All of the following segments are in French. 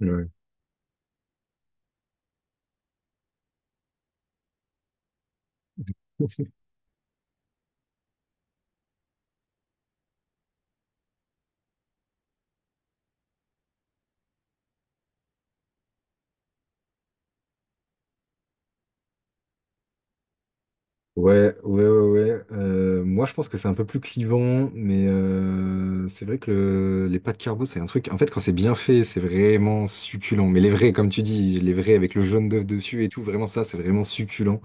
Ouais, ouais. Moi, je pense que c'est un peu plus clivant, mais c'est vrai que les pâtes carbo, c'est un truc. En fait, quand c'est bien fait, c'est vraiment succulent. Mais les vrais, comme tu dis, les vrais avec le jaune d'œuf dessus et tout, vraiment ça, c'est vraiment succulent.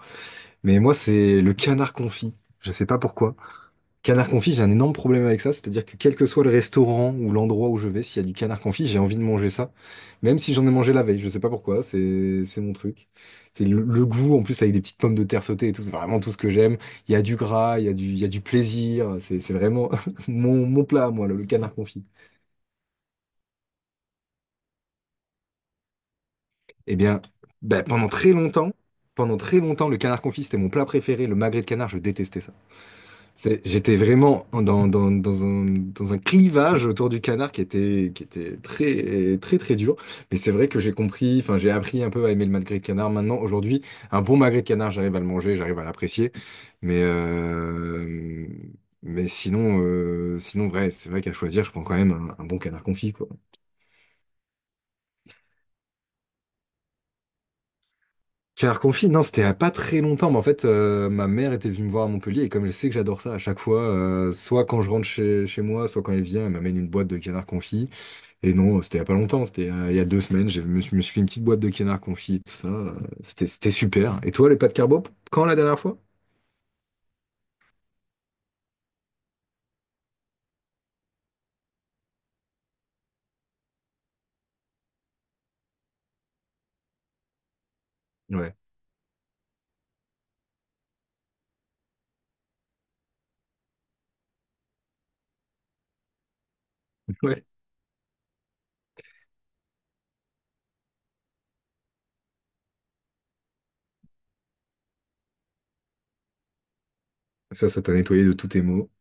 Mais moi, c'est le canard confit. Je sais pas pourquoi. Canard confit, j'ai un énorme problème avec ça, c'est-à-dire que quel que soit le restaurant ou l'endroit où je vais, s'il y a du canard confit, j'ai envie de manger ça, même si j'en ai mangé la veille, je sais pas pourquoi, c'est mon truc. C'est le goût, en plus avec des petites pommes de terre sautées et tout, c'est vraiment tout ce que j'aime. Il y a du gras, il y a du plaisir, c'est vraiment mon plat, à moi, le canard confit. Eh bien, ben, pendant très longtemps, le canard confit, c'était mon plat préféré, le magret de canard, je détestais ça. J'étais vraiment dans un clivage autour du canard qui était très, très, très dur. Mais c'est vrai que j'ai compris, enfin, j'ai appris un peu à aimer le magret de canard. Maintenant, aujourd'hui, un bon magret de canard, j'arrive à le manger, j'arrive à l'apprécier. Mais, euh, mais sinon, sinon, vrai, c'est vrai qu'à choisir, je prends quand même un bon canard confit, quoi. Canard confit, non, c'était à pas très longtemps, mais en fait, ma mère était venue me voir à Montpellier, et comme elle sait que j'adore ça à chaque fois, soit quand je rentre chez moi, soit quand elle vient, elle m'amène une boîte de canard confit. Et non, c'était il y a pas longtemps, c'était il y a deux semaines, je me suis fait une petite boîte de canard confit, tout ça. C'était, c'était super. Et toi, les pâtes carbo, quand la dernière fois? Ouais, ouais. Ça t'a nettoyé de tous tes maux.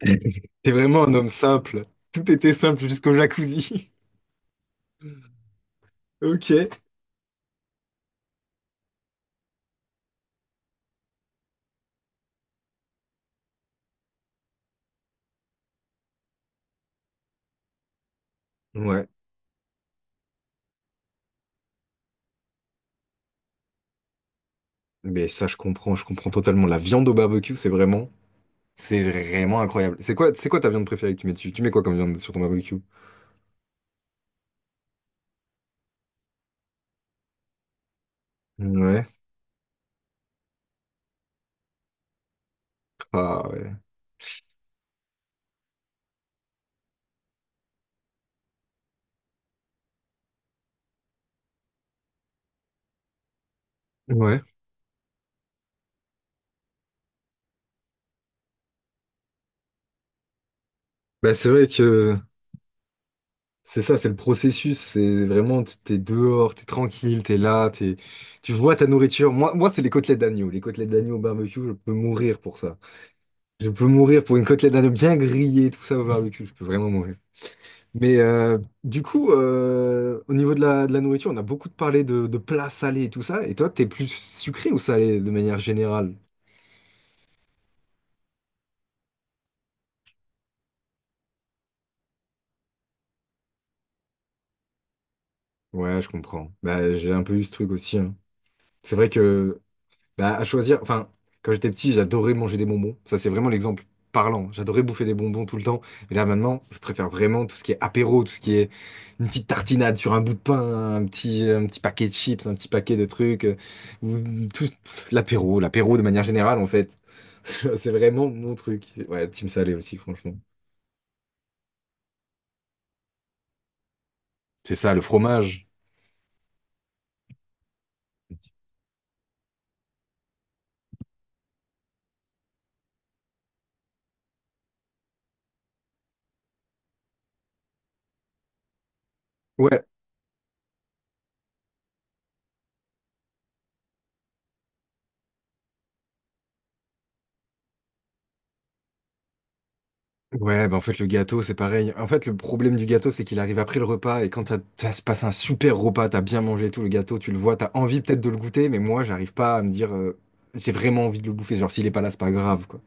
T'es vraiment un homme simple. Tout était simple jusqu'au jacuzzi. Ok. Ouais. Mais ça, je comprends totalement. La viande au barbecue, c'est vraiment. C'est vraiment incroyable. C'est quoi ta viande préférée que tu mets dessus? Tu mets quoi comme viande sur ton barbecue? Ouais. Ah ouais. Ouais. Bah c'est vrai que c'est ça, c'est le processus. C'est vraiment, t'es dehors, t'es tranquille, t'es là, t'es, tu vois ta nourriture. Moi, moi c'est les côtelettes d'agneau. Les côtelettes d'agneau au barbecue, je peux mourir pour ça. Je peux mourir pour une côtelette d'agneau bien grillée, tout ça au barbecue. Je peux vraiment mourir. Mais du coup, au niveau de de la nourriture, on a beaucoup parlé de plats salés et tout ça. Et toi, t'es plus sucré ou salé de manière générale? Ouais, je comprends. Bah, j'ai un peu eu ce truc aussi. Hein. C'est vrai que, bah, à choisir, enfin, quand j'étais petit, j'adorais manger des bonbons. Ça, c'est vraiment l'exemple parlant. J'adorais bouffer des bonbons tout le temps. Et là, maintenant, je préfère vraiment tout ce qui est apéro, tout ce qui est une petite tartinade sur un bout de pain, un petit paquet de chips, un petit paquet de trucs. Ou tout pff, l'apéro, l'apéro de manière générale, en fait. C'est vraiment mon truc. Ouais, team salé aussi, franchement. C'est ça, le fromage. Ouais. Ouais, bah en fait, le gâteau, c'est pareil. En fait, le problème du gâteau, c'est qu'il arrive après le repas. Et quand ça se passe un super repas, t'as bien mangé et tout, le gâteau, tu le vois, t'as envie peut-être de le goûter, mais moi, j'arrive pas à me dire, j'ai vraiment envie de le bouffer. Genre, s'il est pas là, c'est pas grave, quoi.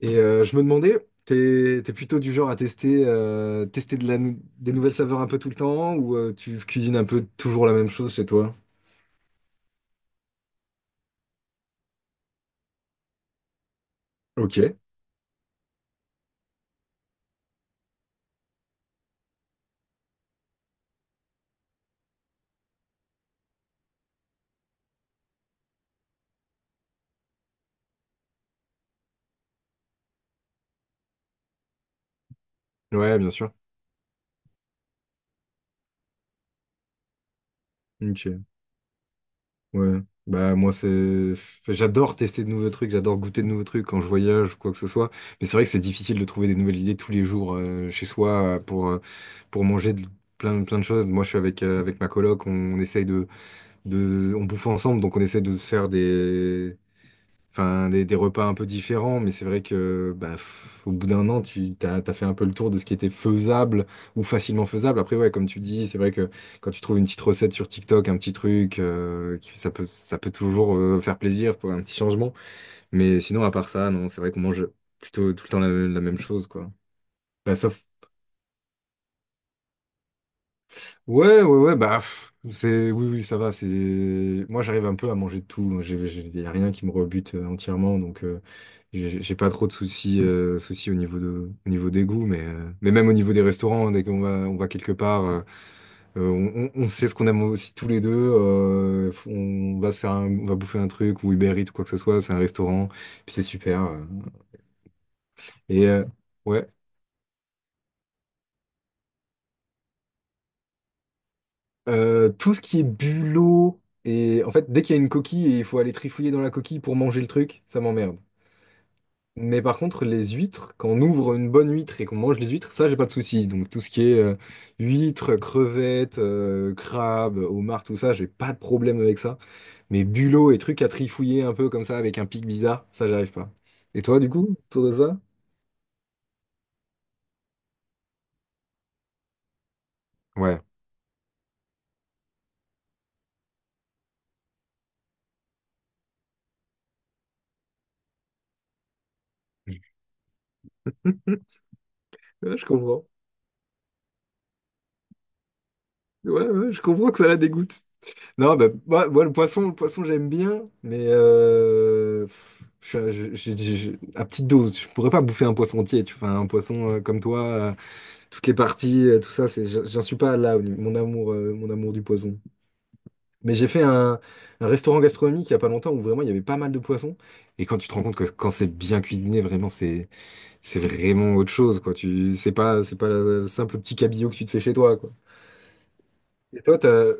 Et je me demandais, t'es plutôt du genre à tester, tester de la des nouvelles saveurs un peu tout le temps, ou tu cuisines un peu toujours la même chose chez toi? Ok. Ouais, bien sûr. Ok. Ouais, bah moi c'est, enfin, j'adore tester de nouveaux trucs, j'adore goûter de nouveaux trucs quand je voyage ou quoi que ce soit. Mais c'est vrai que c'est difficile de trouver des nouvelles idées tous les jours chez soi pour manger plein plein de choses. Moi je suis avec avec ma coloc, on essaye on bouffe ensemble, donc on essaye de se faire des Enfin, des repas un peu différents, mais c'est vrai que bah, au bout d'un an, t'as fait un peu le tour de ce qui était faisable ou facilement faisable. Après, ouais, comme tu dis, c'est vrai que quand tu trouves une petite recette sur TikTok, un petit truc, qui- ça peut toujours faire plaisir pour un petit changement. Mais sinon, à part ça, non, c'est vrai qu'on mange plutôt tout le temps la même chose, quoi. Bah, sauf Ouais, ouais, ouais, bah, pff, c'est, oui, oui, ça va, c'est, moi, j'arrive un peu à manger de tout, il y a rien qui me rebute entièrement, donc, j'ai pas trop de soucis, au niveau de, au niveau des goûts, mais même au niveau des restaurants, hein, dès qu'on va, on va quelque part, on, on sait ce qu'on aime aussi tous les deux, on va se faire on va bouffer un truc, ou Uber Eats, ou quoi que ce soit, c'est un restaurant, puis c'est super, et, euh, ouais. Tout ce qui est bulot, et en fait, dès qu'il y a une coquille et il faut aller trifouiller dans la coquille pour manger le truc, ça m'emmerde. Mais par contre, les huîtres, quand on ouvre une bonne huître et qu'on mange les huîtres, ça, j'ai pas de souci. Donc, tout ce qui est huîtres, crevettes, crabes, homards, tout ça, j'ai pas de problème avec ça. Mais bulot et trucs à trifouiller un peu comme ça avec un pic bizarre, ça, j'arrive pas. Et toi, du coup, autour de ça? Ouais. Ouais, je comprends. Ouais, ouais, je comprends que ça la dégoûte. Non, bah, moi, moi, le poisson, j'aime bien, mais pff, je- à petite dose. Je pourrais pas bouffer un poisson entier, tu vois. Enfin, un poisson comme toi, toutes les parties, tout ça, c'est, j'en suis pas là, mon amour du poisson. Mais j'ai fait un restaurant gastronomique il y a pas longtemps où vraiment il y avait pas mal de poissons. Et quand tu te rends compte que quand c'est bien cuisiné, vraiment, c'est vraiment autre chose, quoi. Tu, c'est pas le simple petit cabillaud que tu te fais chez toi, quoi. Et toi, t'as,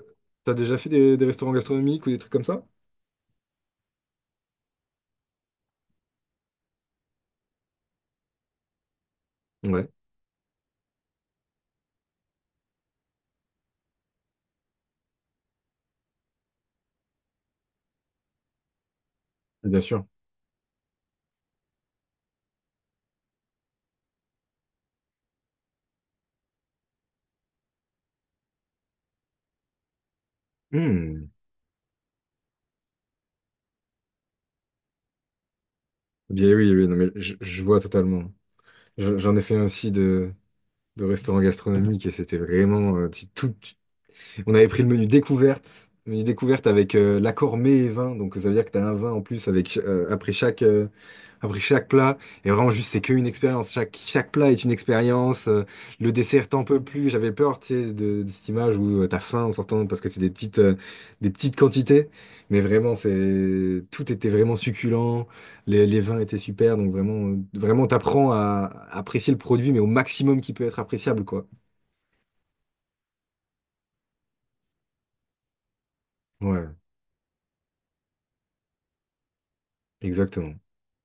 t'as déjà fait des restaurants gastronomiques ou des trucs comme ça? Ouais. Bien sûr. Hmm. Bien oui, oui, non, mais je vois totalement. J'en ai fait un aussi de restaurant gastronomique et c'était vraiment on avait pris le menu découverte avec l'accord mets et vin. Donc ça veut dire que tu as un vin en plus avec après chaque après chaque plat, et vraiment juste c'est qu'une expérience, chaque, chaque plat est une expérience, le dessert t'en peux plus, j'avais peur tu sais, de cette image où t'as faim en sortant parce que c'est des petites quantités, mais vraiment c'est tout était vraiment succulent, les vins étaient super, donc vraiment, vraiment t'apprends à apprécier le produit mais au maximum qui peut être appréciable quoi. Ouais, exactement.